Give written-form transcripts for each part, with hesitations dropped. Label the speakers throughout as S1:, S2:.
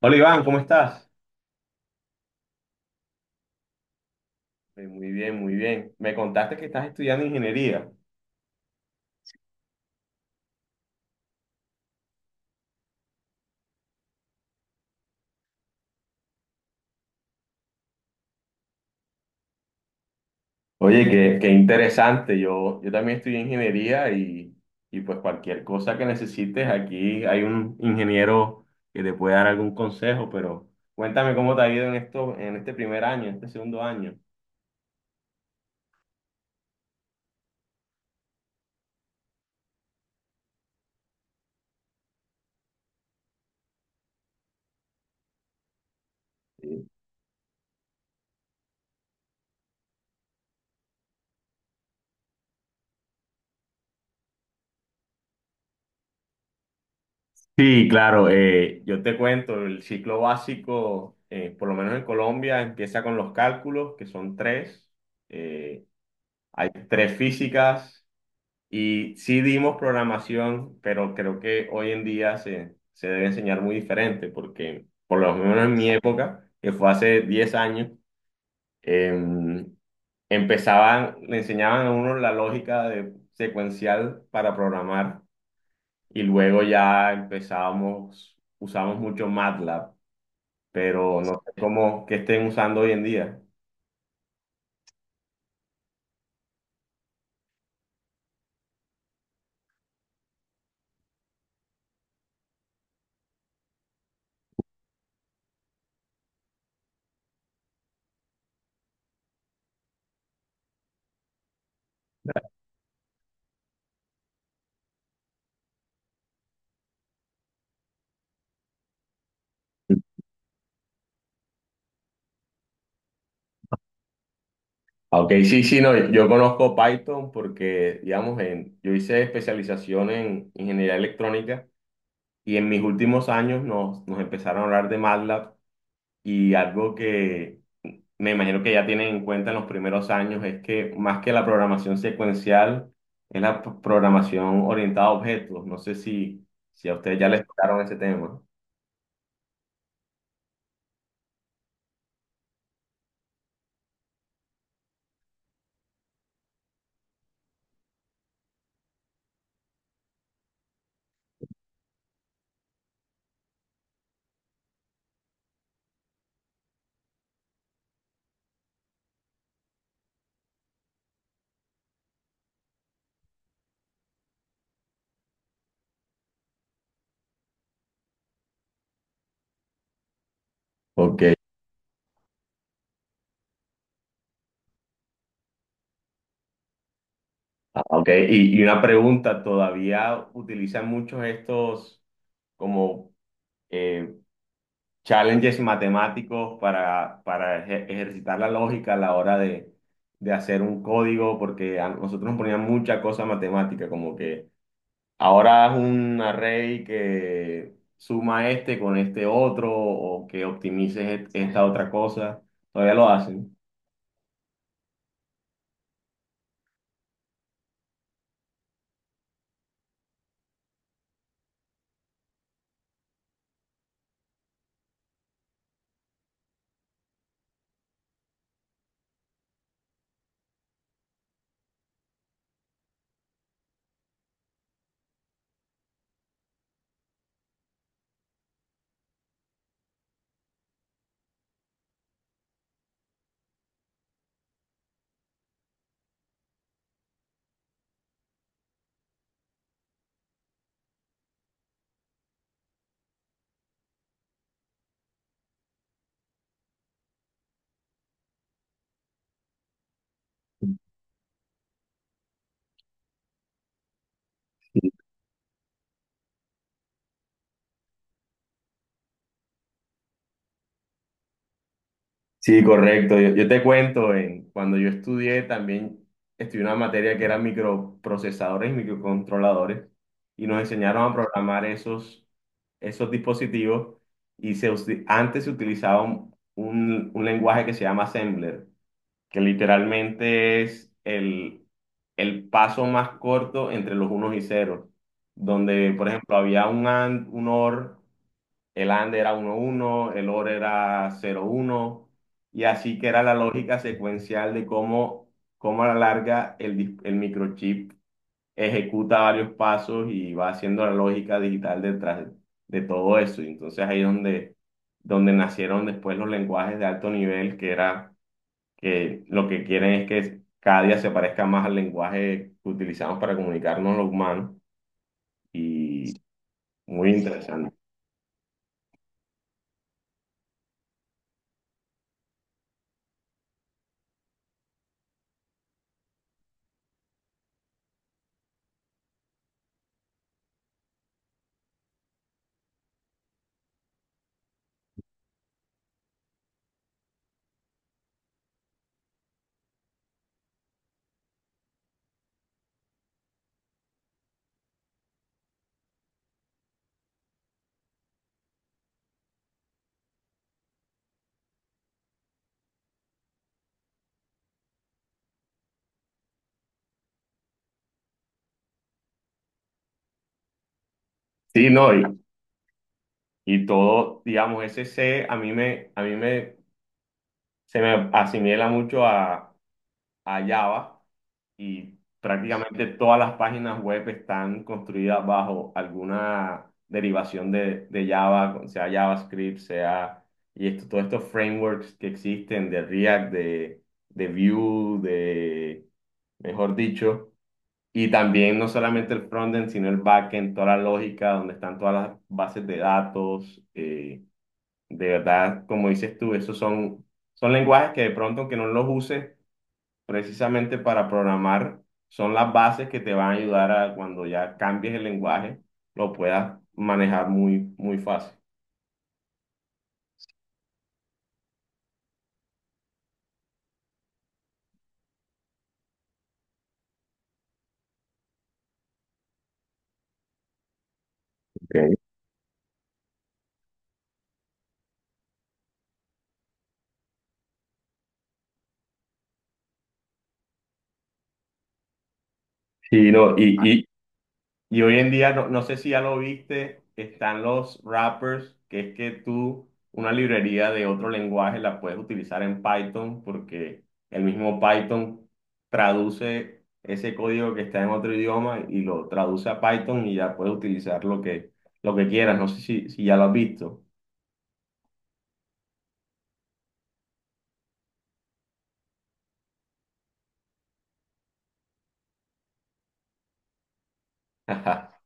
S1: Hola Iván, ¿cómo estás? Muy bien, muy bien. Me contaste que estás estudiando ingeniería. Oye, qué interesante. Yo también estudié ingeniería y pues cualquier cosa que necesites, aquí hay un ingeniero que te puede dar algún consejo, pero cuéntame cómo te ha ido en esto, en este primer año, en este segundo año. Sí, claro, yo te cuento, el ciclo básico, por lo menos en Colombia, empieza con los cálculos, que son tres. Eh, Hay tres físicas. Y sí dimos programación, pero creo que hoy en día se debe enseñar muy diferente, porque por lo menos en mi época, que fue hace 10 años, em, le enseñaban a uno la lógica secuencial para programar, y luego ya usamos mucho MATLAB, pero no sé cómo que estén usando hoy en día. Ah, ok, sí, sí, no, yo conozco Python porque, digamos, yo hice especialización en ingeniería electrónica y en mis últimos años nos empezaron a hablar de MATLAB, y algo que me imagino que ya tienen en cuenta en los primeros años es que más que la programación secuencial, es la programación orientada a objetos. No sé si a ustedes ya les tocaron ese tema. Ok, ah, ok, y una pregunta: ¿todavía utilizan muchos estos como, eh, challenges matemáticos para, ejercitar la lógica a la hora de hacer un código? Porque a nosotros nos ponían mucha cosa matemática, como que ahora es un array que suma este con este otro, o que optimices esta otra cosa. ¿Todavía lo hacen? Sí, correcto. Yo te cuento, cuando yo estudié también estudié una materia que era microprocesadores y microcontroladores, y nos enseñaron a programar esos dispositivos. Y antes se utilizaba un lenguaje que se llama assembler, que literalmente es el paso más corto entre los unos y ceros, donde por ejemplo había un AND, un OR, el under era uno uno, el over era cero uno. Y así que era la lógica secuencial de cómo a la larga el microchip ejecuta varios pasos y va haciendo la lógica digital detrás de todo eso. Y entonces ahí es donde nacieron después los lenguajes de alto nivel, que era que lo que quieren es que cada día se parezca más al lenguaje que utilizamos para comunicarnos los humanos. Y muy interesante. Sí, no, y todo, digamos, ese C se me asimila mucho a, Java, y prácticamente todas las páginas web están construidas bajo alguna derivación de Java, sea JavaScript, sea, y esto, todos estos frameworks que existen de React, de Vue, mejor dicho. Y también no solamente el frontend, sino el backend, toda la lógica, donde están todas las bases de datos. De verdad, como dices tú, esos son, lenguajes que de pronto, aunque no los uses precisamente para programar, son las bases que te van a ayudar a cuando ya cambies el lenguaje, lo puedas manejar muy, muy fácil. Ok. Y, no. Y hoy en día, no sé si ya lo viste, están los wrappers, que es que tú una librería de otro lenguaje la puedes utilizar en Python porque el mismo Python traduce ese código que está en otro idioma y lo traduce a Python, y ya puedes utilizar lo que quieras. No sé si ya lo has visto.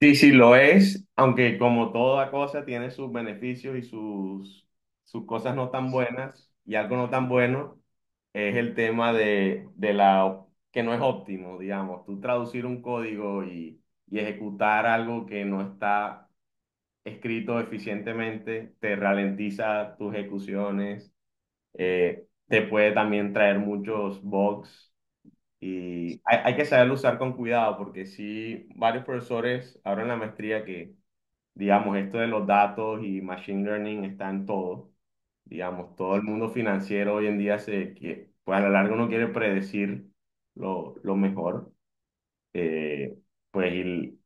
S1: Sí, sí, lo es, aunque como toda cosa tiene sus beneficios y sus cosas no tan buenas, y algo no tan bueno es el tema de que no es óptimo, digamos, tú traducir un código y ejecutar algo que no está escrito eficientemente, te ralentiza tus ejecuciones, te puede también traer muchos bugs. Y hay que saberlo usar con cuidado, porque sí, varios profesores ahora en la maestría que, digamos, esto de los datos y machine learning está en todo. Digamos, todo el mundo financiero hoy en día se que, pues a la larga uno quiere predecir lo mejor. Eh, pues y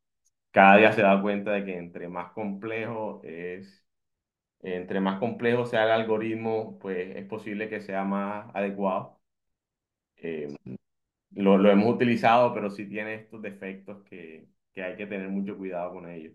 S1: cada día se da cuenta de que entre más complejo es, entre más complejo sea el algoritmo, pues es posible que sea más adecuado. Eh, lo hemos utilizado, pero sí tiene estos defectos, que hay que tener mucho cuidado con ellos.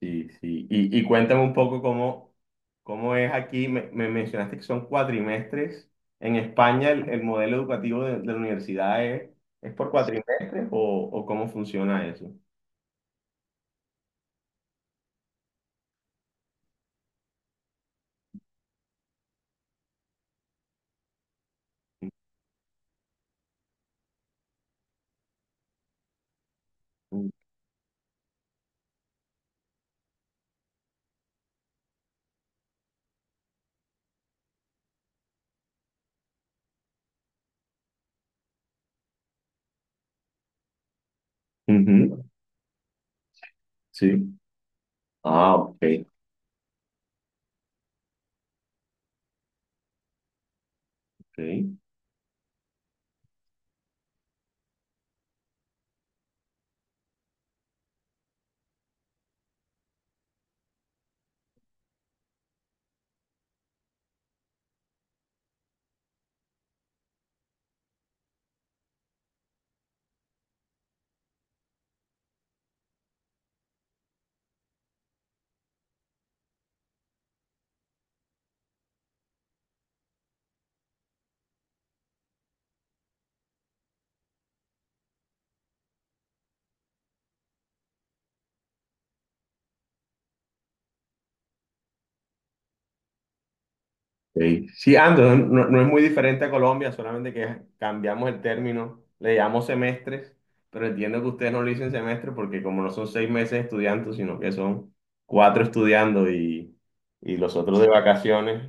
S1: Sí, sí. Y cuéntame un poco cómo es aquí. Me mencionaste que son cuatrimestres. En España el modelo educativo de la universidad es por cuatrimestres, o cómo funciona eso. Ujú. Sí. Ah, ok. Ok. Sí, sí, ando, no es muy diferente a Colombia, solamente que cambiamos el término, le llamamos semestres, pero entiendo que ustedes no le dicen semestre porque como no son 6 meses estudiando, sino que son cuatro estudiando y los otros de vacaciones,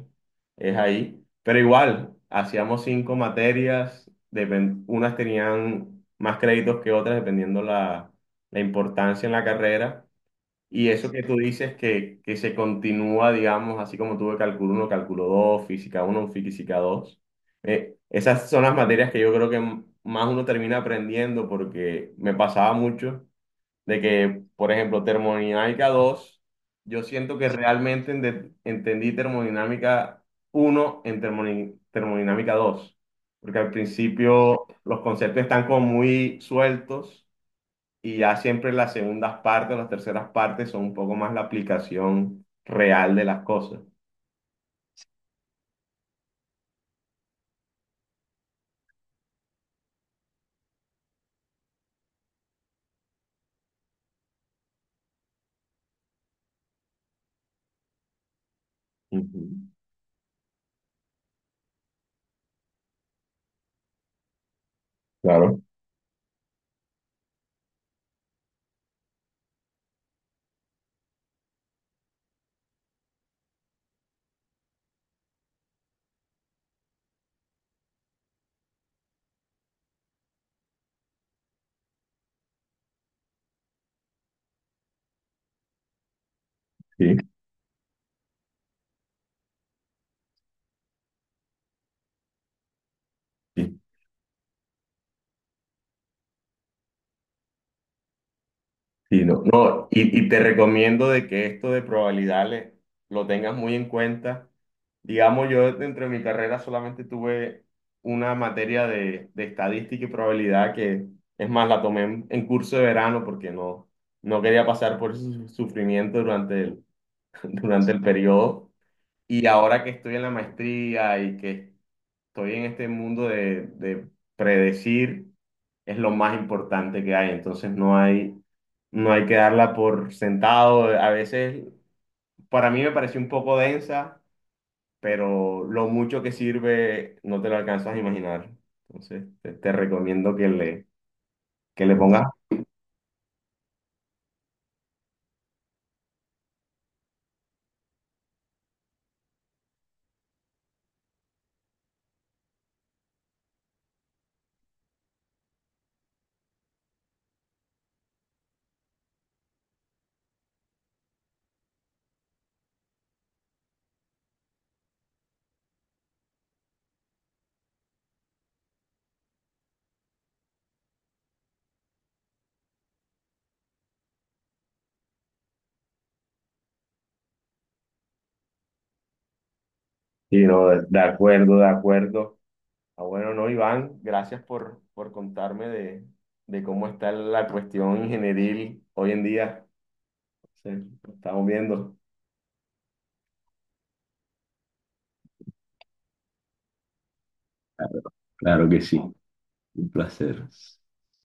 S1: es ahí. Pero igual, hacíamos cinco materias, unas tenían más créditos que otras, dependiendo la importancia en la carrera. Y eso que tú dices, que se continúa, digamos, así como tuve cálculo uno, cálculo dos, física uno, física dos, esas son las materias que yo creo que más uno termina aprendiendo, porque me pasaba mucho de que, por ejemplo, termodinámica dos, yo siento que realmente entendí termodinámica uno en termodinámica dos, porque al principio los conceptos están como muy sueltos, y ya siempre las segundas partes, las terceras partes son un poco más la aplicación real de las cosas. Ujú. Claro, sí. Sí, sí, no, no, y te recomiendo de que esto de probabilidades lo tengas muy en cuenta. Digamos, yo dentro de mi carrera solamente tuve una materia de estadística y probabilidad, que es más, la tomé en curso de verano porque no quería pasar por ese sufrimiento durante el periodo. Y ahora que estoy en la maestría y que estoy en este mundo de predecir, es lo más importante que hay. Entonces no hay que darla por sentado. A veces, para mí me pareció un poco densa, pero lo mucho que sirve no te lo alcanzas a imaginar. Entonces te recomiendo que le pongas. Y no, de acuerdo, de acuerdo. Ah, bueno, no, Iván, gracias por contarme de cómo está la cuestión ingenieril hoy en día. Sí, estamos viendo.